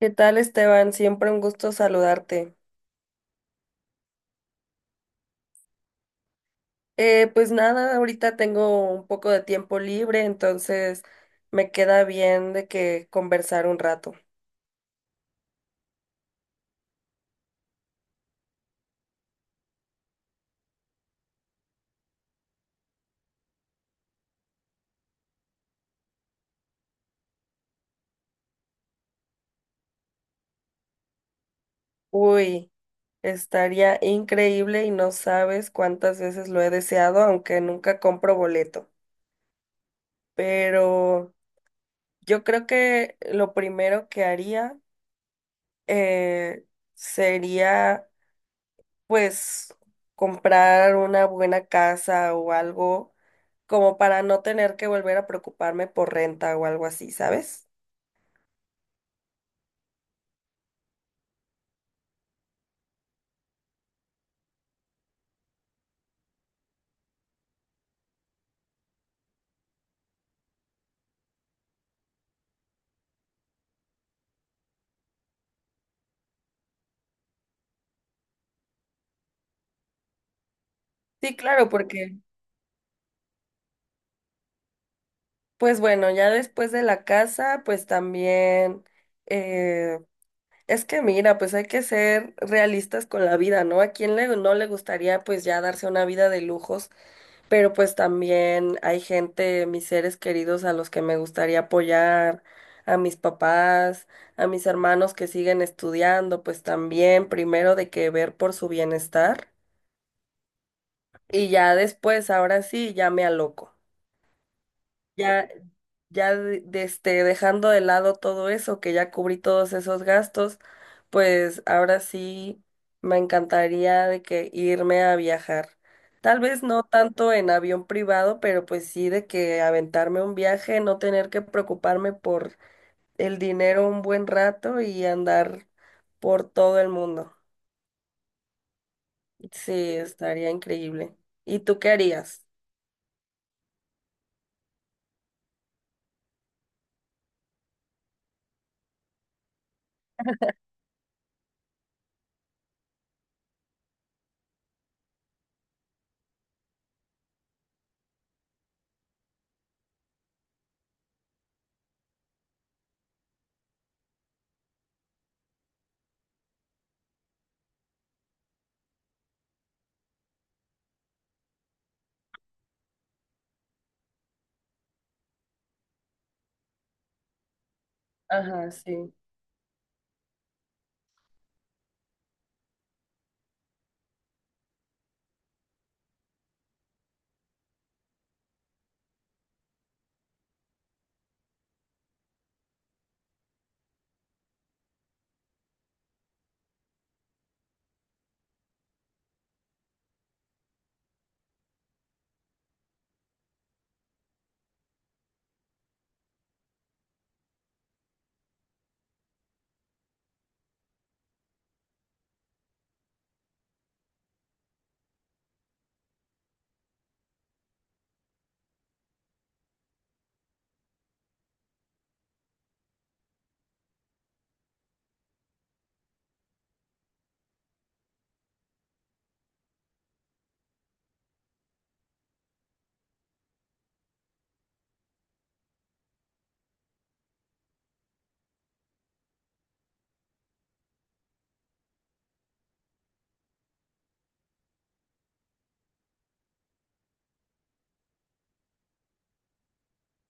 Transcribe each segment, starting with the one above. ¿Qué tal, Esteban? Siempre un gusto saludarte. Pues nada, ahorita tengo un poco de tiempo libre, entonces me queda bien de que conversar un rato. Uy, estaría increíble y no sabes cuántas veces lo he deseado, aunque nunca compro boleto. Pero yo creo que lo primero que haría eh, sería pues comprar una buena casa o algo como para no tener que volver a preocuparme por renta o algo así, ¿sabes? Sí, claro, porque pues bueno, ya después de la casa, pues también eh, es que mira, pues hay que ser realistas con la vida, ¿no? ¿A quién le, no le gustaría pues ya darse una vida de lujos? Pero pues también hay gente, mis seres queridos a los que me gustaría apoyar, a mis papás, a mis hermanos que siguen estudiando, pues también primero de que ver por su bienestar y ya después, ahora sí, ya me aloco. Ya, dejando de lado todo eso, que ya cubrí todos esos gastos, pues ahora sí me encantaría de que irme a viajar. Tal vez no tanto en avión privado, pero pues sí de que aventarme un viaje, no tener que preocuparme por el dinero un buen rato y andar por todo el mundo. Sí, estaría increíble. ¿Y tú qué harías? Ajá, sí.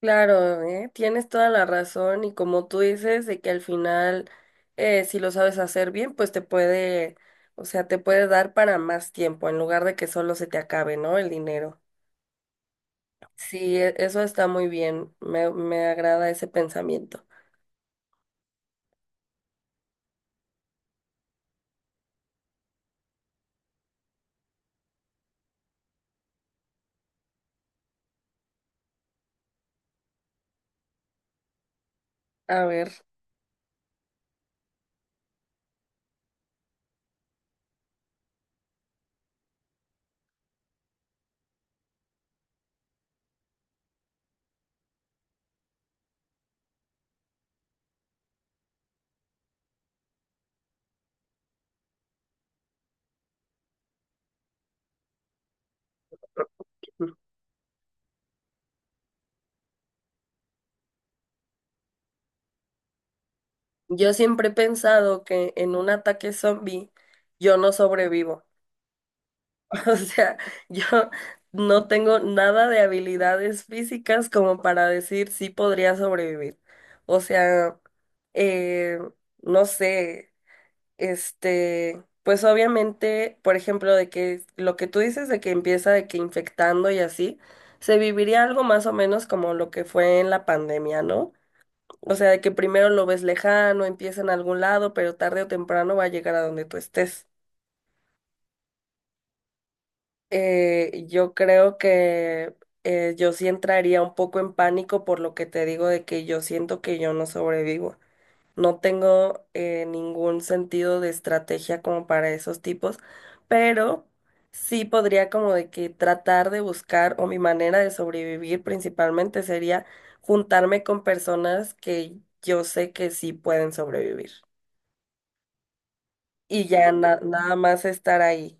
Claro, ¿eh? Tienes toda la razón y como tú dices, de que al final, si lo sabes hacer bien, pues te puede, o sea, te puede dar para más tiempo en lugar de que solo se te acabe, ¿no? El dinero. Sí, eso está muy bien, me agrada ese pensamiento. A ver, yo siempre he pensado que en un ataque zombie yo no sobrevivo. O sea, yo no tengo nada de habilidades físicas como para decir si podría sobrevivir. O sea, eh, no sé, este, pues obviamente, por ejemplo, de que lo que tú dices de que empieza de que infectando y así, se viviría algo más o menos como lo que fue en la pandemia, ¿no? O sea, de que primero lo ves lejano, empieza en algún lado, pero tarde o temprano va a llegar a donde tú estés. Yo creo que yo sí entraría un poco en pánico por lo que te digo de que yo siento que yo no sobrevivo. No tengo ningún sentido de estrategia como para esos tipos, pero sí podría como de que tratar de buscar o mi manera de sobrevivir principalmente sería juntarme con personas que yo sé que sí pueden sobrevivir y ya nada más estar ahí,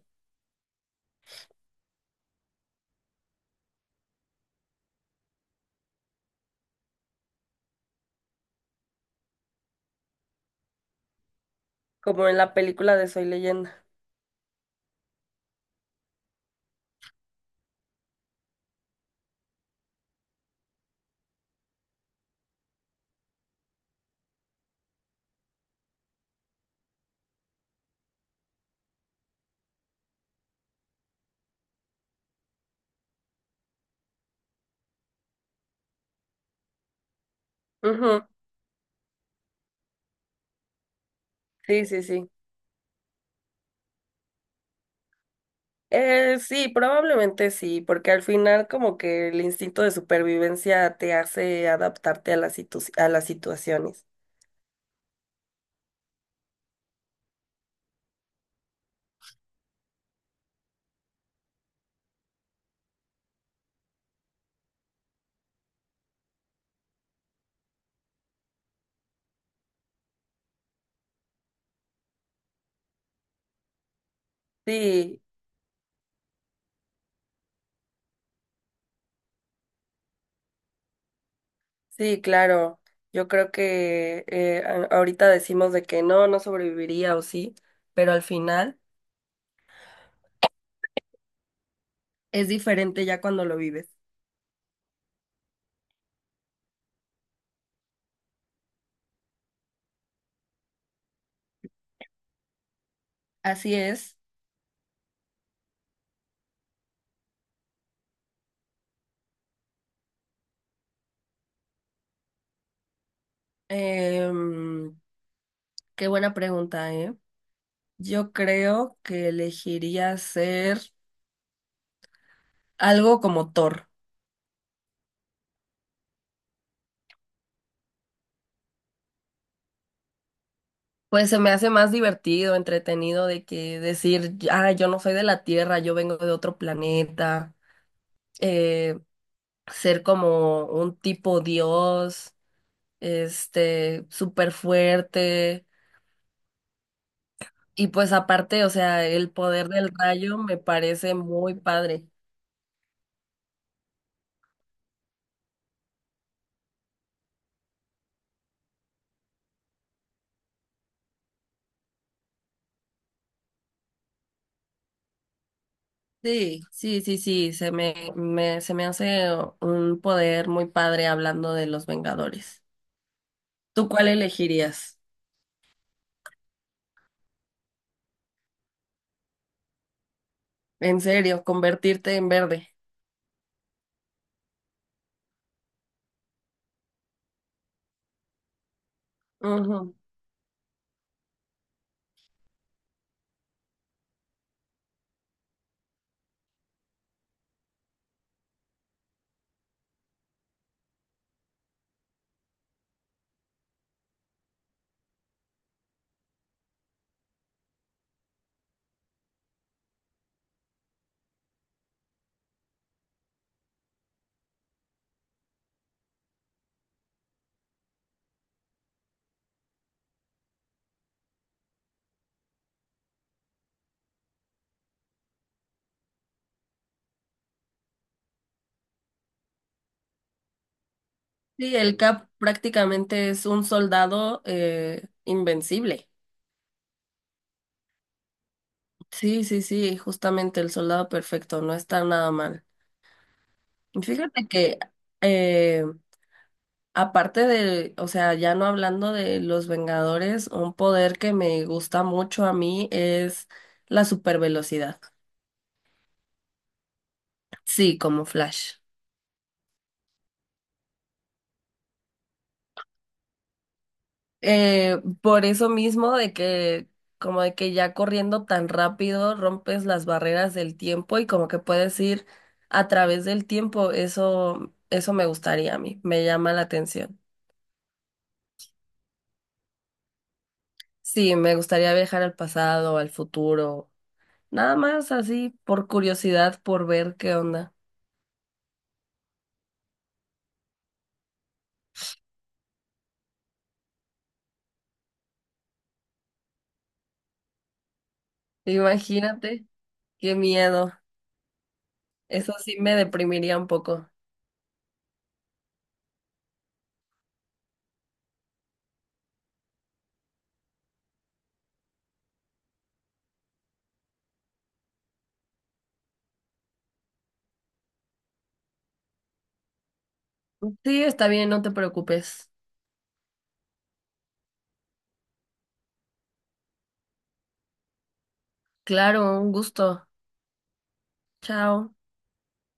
como en la película de Soy Leyenda. Ujú, sí, sí, sí. Sí, probablemente sí, porque al final como que el instinto de supervivencia te hace adaptarte a a las situaciones. Sí, sí, claro. Yo creo que ahorita decimos de que no, no sobreviviría o sí, pero al final es diferente ya cuando lo vives. Así es. Em, qué buena pregunta, ¿eh? Yo creo que elegiría ser algo como Thor. Pues se me hace más divertido, entretenido de que decir, ah, yo no soy de la Tierra, yo vengo de otro planeta, eh, ser como un tipo dios, este, súper fuerte, y pues aparte, o sea, el poder del rayo me parece muy padre. Sí, sí, sí, sí, se me hace un poder muy padre hablando de los Vengadores. ¿Tú cuál elegirías? En serio, convertirte en verde. Ujú. Sí, el Cap prácticamente es un soldado invencible. Sí, sí, sí, justamente el soldado perfecto, no está nada mal. Y fíjate que, eh, aparte de, o sea, ya no hablando de los Vengadores, un poder que me gusta mucho a mí es la supervelocidad. Sí, como Flash. Por eso mismo de que como de que ya corriendo tan rápido rompes las barreras del tiempo y como que puedes ir a través del tiempo, eso me gustaría a mí, me llama la atención. Sí, me gustaría viajar al pasado, al futuro, nada más así por curiosidad, por ver qué onda. Imagínate, qué miedo. Eso sí me deprimiría un poco. Sí, está bien, no te preocupes. Claro, un gusto. Chao.